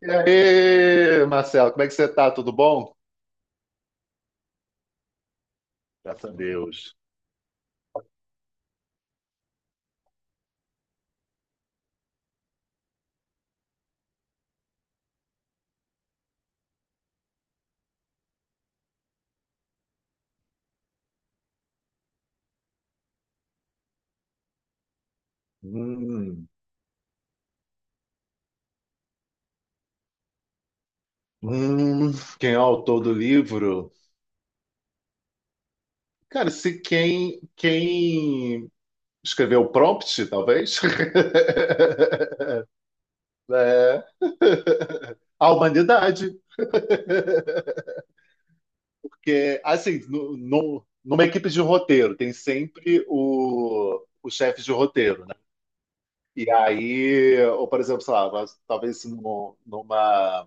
E aí, Marcelo, como é que você tá? Tudo bom? Graças a Deus. Hum, hum, quem é o autor do livro? Cara, se quem, quem escreveu o prompt, talvez, é a humanidade. Porque, assim, numa equipe de roteiro, tem sempre o chefe de roteiro, né? E aí, ou por exemplo, sei lá, mas talvez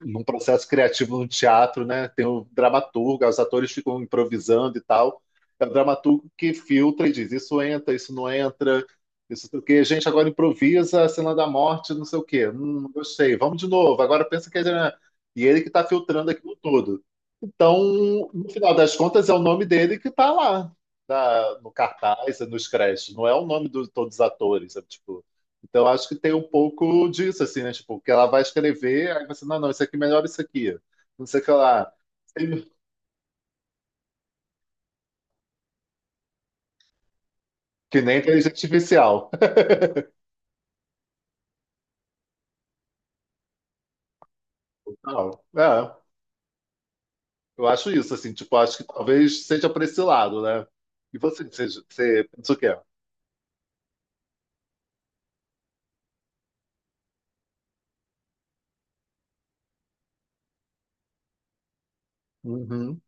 num processo criativo no teatro, né? Tem o dramaturgo, os atores ficam improvisando e tal. É o dramaturgo que filtra e diz: isso entra, isso não entra, isso porque a gente agora improvisa a cena da morte, não sei o quê. Não gostei, vamos de novo. Agora pensa que é. E ele que está filtrando aquilo tudo. Então, no final das contas, é o nome dele que está lá, tá no cartaz, nos créditos. Não é o nome de todos os atores. É, tipo, então, acho que tem um pouco disso, assim, né? Tipo, que ela vai escrever, aí você, não, não, isso aqui é melhor isso aqui. Não sei o que lá. Que nem inteligência artificial. Não, é, eu acho isso, assim, tipo, acho que talvez seja para esse lado, né? E você pensa o quê? Uhum.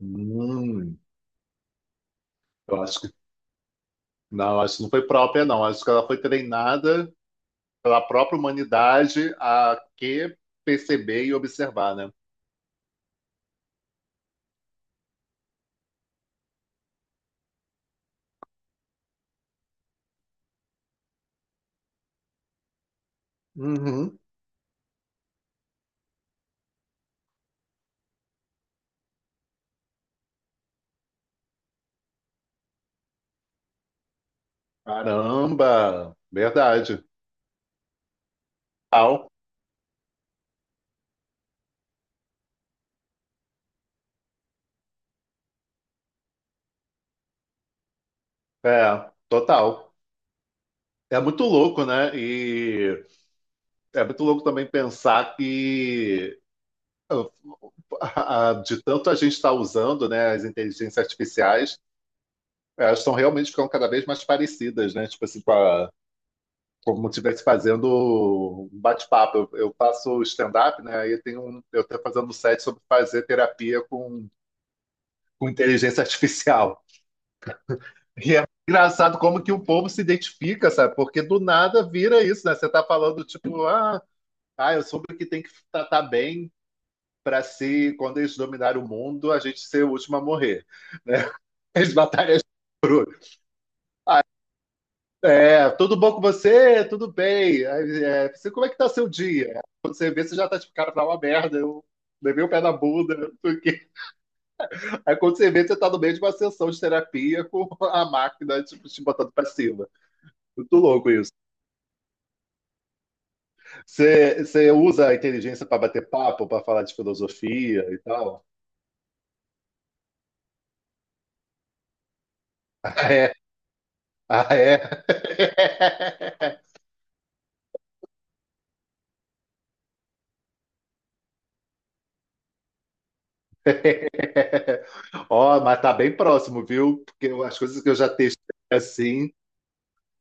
Hum, eu acho que não foi própria, não. Acho que ela foi treinada pela própria humanidade a que perceber e observar, né? Uhum. Caramba, verdade. Au. É, total. É muito louco, né? E é muito louco também pensar que de tanto a gente está usando, né, as inteligências artificiais, elas estão realmente ficando cada vez mais parecidas, né? Tipo assim, como se estivesse fazendo um bate-papo. Eu faço stand-up, né? Aí tem um, eu estou fazendo um set sobre fazer terapia com inteligência artificial. E é engraçado como que o povo se identifica, sabe? Porque do nada vira isso, né? Você tá falando, tipo, ah, eu soube que tem que tratar bem para se, quando eles dominarem o mundo, a gente ser o último a morrer, né? As batalhas por último. É, tudo bom com você? Tudo bem. Aí, é, você, como é que tá seu dia? Quando você vê, você já tá tipo, cara, tá uma merda, eu levei o pé na bunda. Não sei o quê. Aí quando você vê, você tá no meio de uma sessão de terapia com a máquina, tipo, te botando pra cima. Muito louco isso. Você usa a inteligência para bater papo, para falar de filosofia e tal? Ah, é? Ó, mas tá bem próximo, viu? Porque as coisas que eu já testei assim.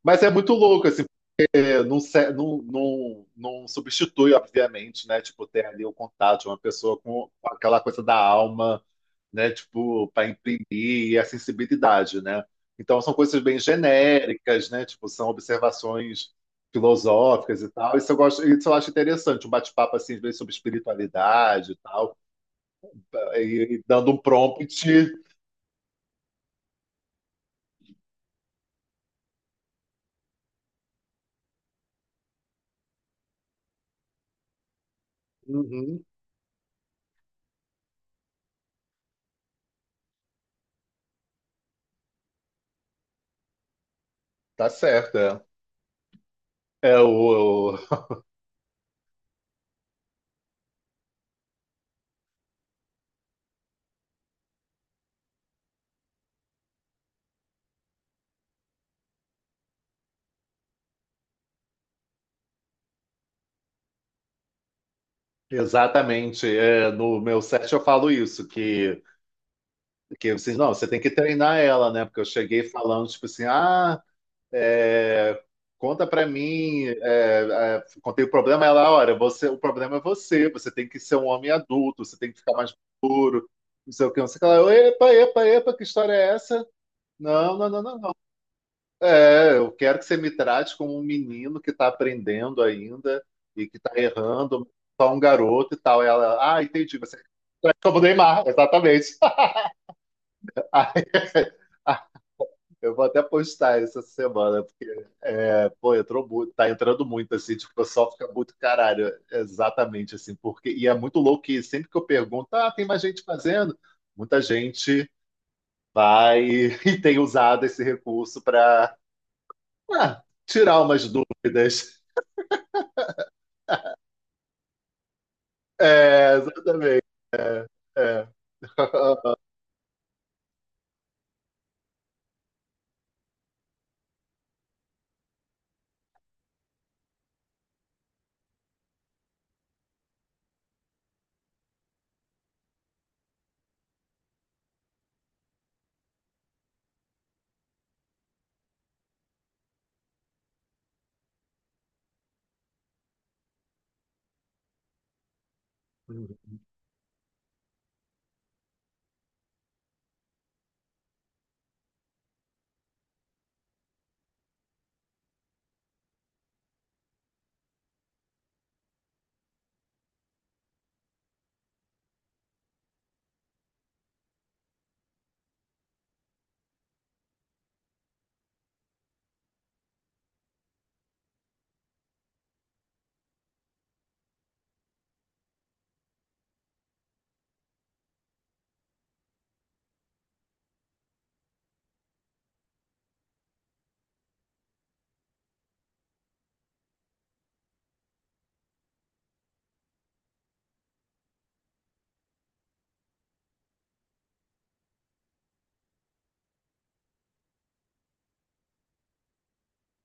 Mas é muito louco, assim, porque não, não, não substitui, obviamente, né? Tipo, ter ali o contato de uma pessoa com aquela coisa da alma, né? Tipo, para imprimir e a sensibilidade, né? Então, são coisas bem genéricas, né? Tipo, são observações filosóficas e tal. Isso eu gosto, isso eu acho interessante, um bate-papo, assim, às vezes, sobre espiritualidade e tal. Aí dando um prompt. Uhum, tá certo, é. É o, exatamente, é, no meu set eu falo isso, que vocês, não, você tem que treinar ela, né? Porque eu cheguei falando, tipo assim, ah, é, conta pra mim, contei o problema, ela, olha, você, o problema é você, você tem que ser um homem adulto, você tem que ficar mais puro, não sei o que, não sei o que, ela, epa, epa, epa, que história é essa? Não, não, não, não, não. É, eu quero que você me trate como um menino que está aprendendo ainda e que está errando, só um garoto e tal. Ela, ah, entendi, você é como o Neymar, exatamente. Aí, ah, eu vou até postar essa semana, porque, pô, entrou muito, tá entrando muito, assim, tipo, o pessoal fica muito caralho, exatamente, assim, porque, e é muito louco que sempre que eu pergunto, ah, tem mais gente fazendo? Muita gente vai e tem usado esse recurso para tirar umas dúvidas. É, exatamente. É.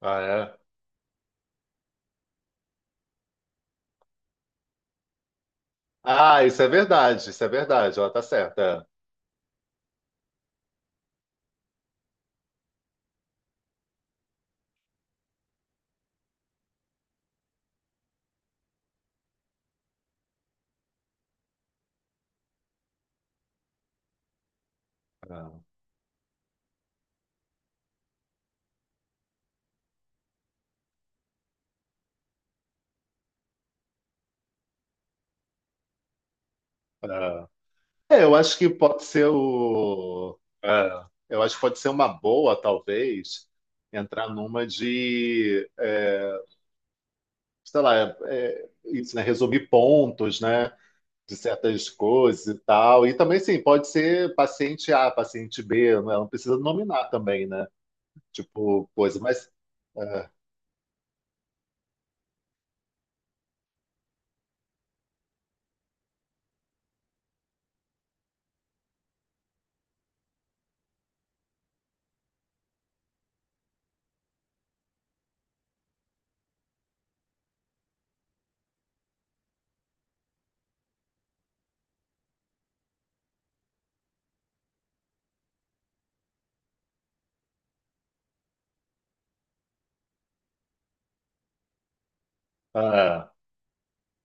Ah, é? Ah, isso é verdade, ela tá certa. É, é. É, eu acho que pode ser o. é, Eu acho que pode ser uma boa, talvez, entrar numa de, é, sei lá, isso, né? Resumir pontos, né? De certas coisas e tal. E também, sim, pode ser paciente A, paciente B, não, é? Não precisa nominar também, né? Tipo, coisa, mas. É, é.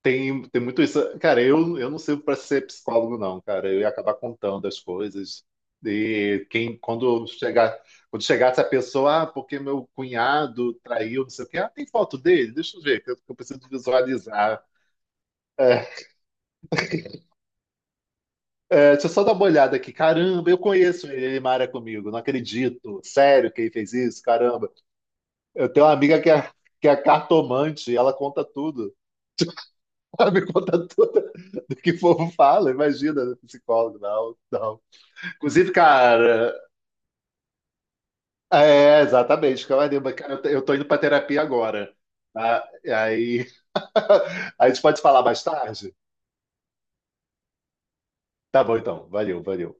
Tem muito isso. Cara, eu não sirvo para ser psicólogo, não, cara. Eu ia acabar contando as coisas. E quem, quando chegar, quando chegasse a pessoa, ah, porque meu cunhado traiu, não sei o quê. Ah, tem foto dele? Deixa eu ver, que eu preciso visualizar. É, é, deixa eu só dar uma olhada aqui. Caramba, eu conheço ele, ele mara comigo. Não acredito. Sério que ele fez isso? Caramba. Eu tenho uma amiga que é cartomante, e ela conta tudo. Ela me conta tudo do que o povo fala. Imagina, psicólogo, não, não. Inclusive, cara, é, exatamente, Camarimba, cara, eu tô indo pra terapia agora. Tá? E aí, a gente pode falar mais tarde? Tá bom, então. Valeu, valeu.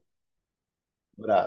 Um abraço.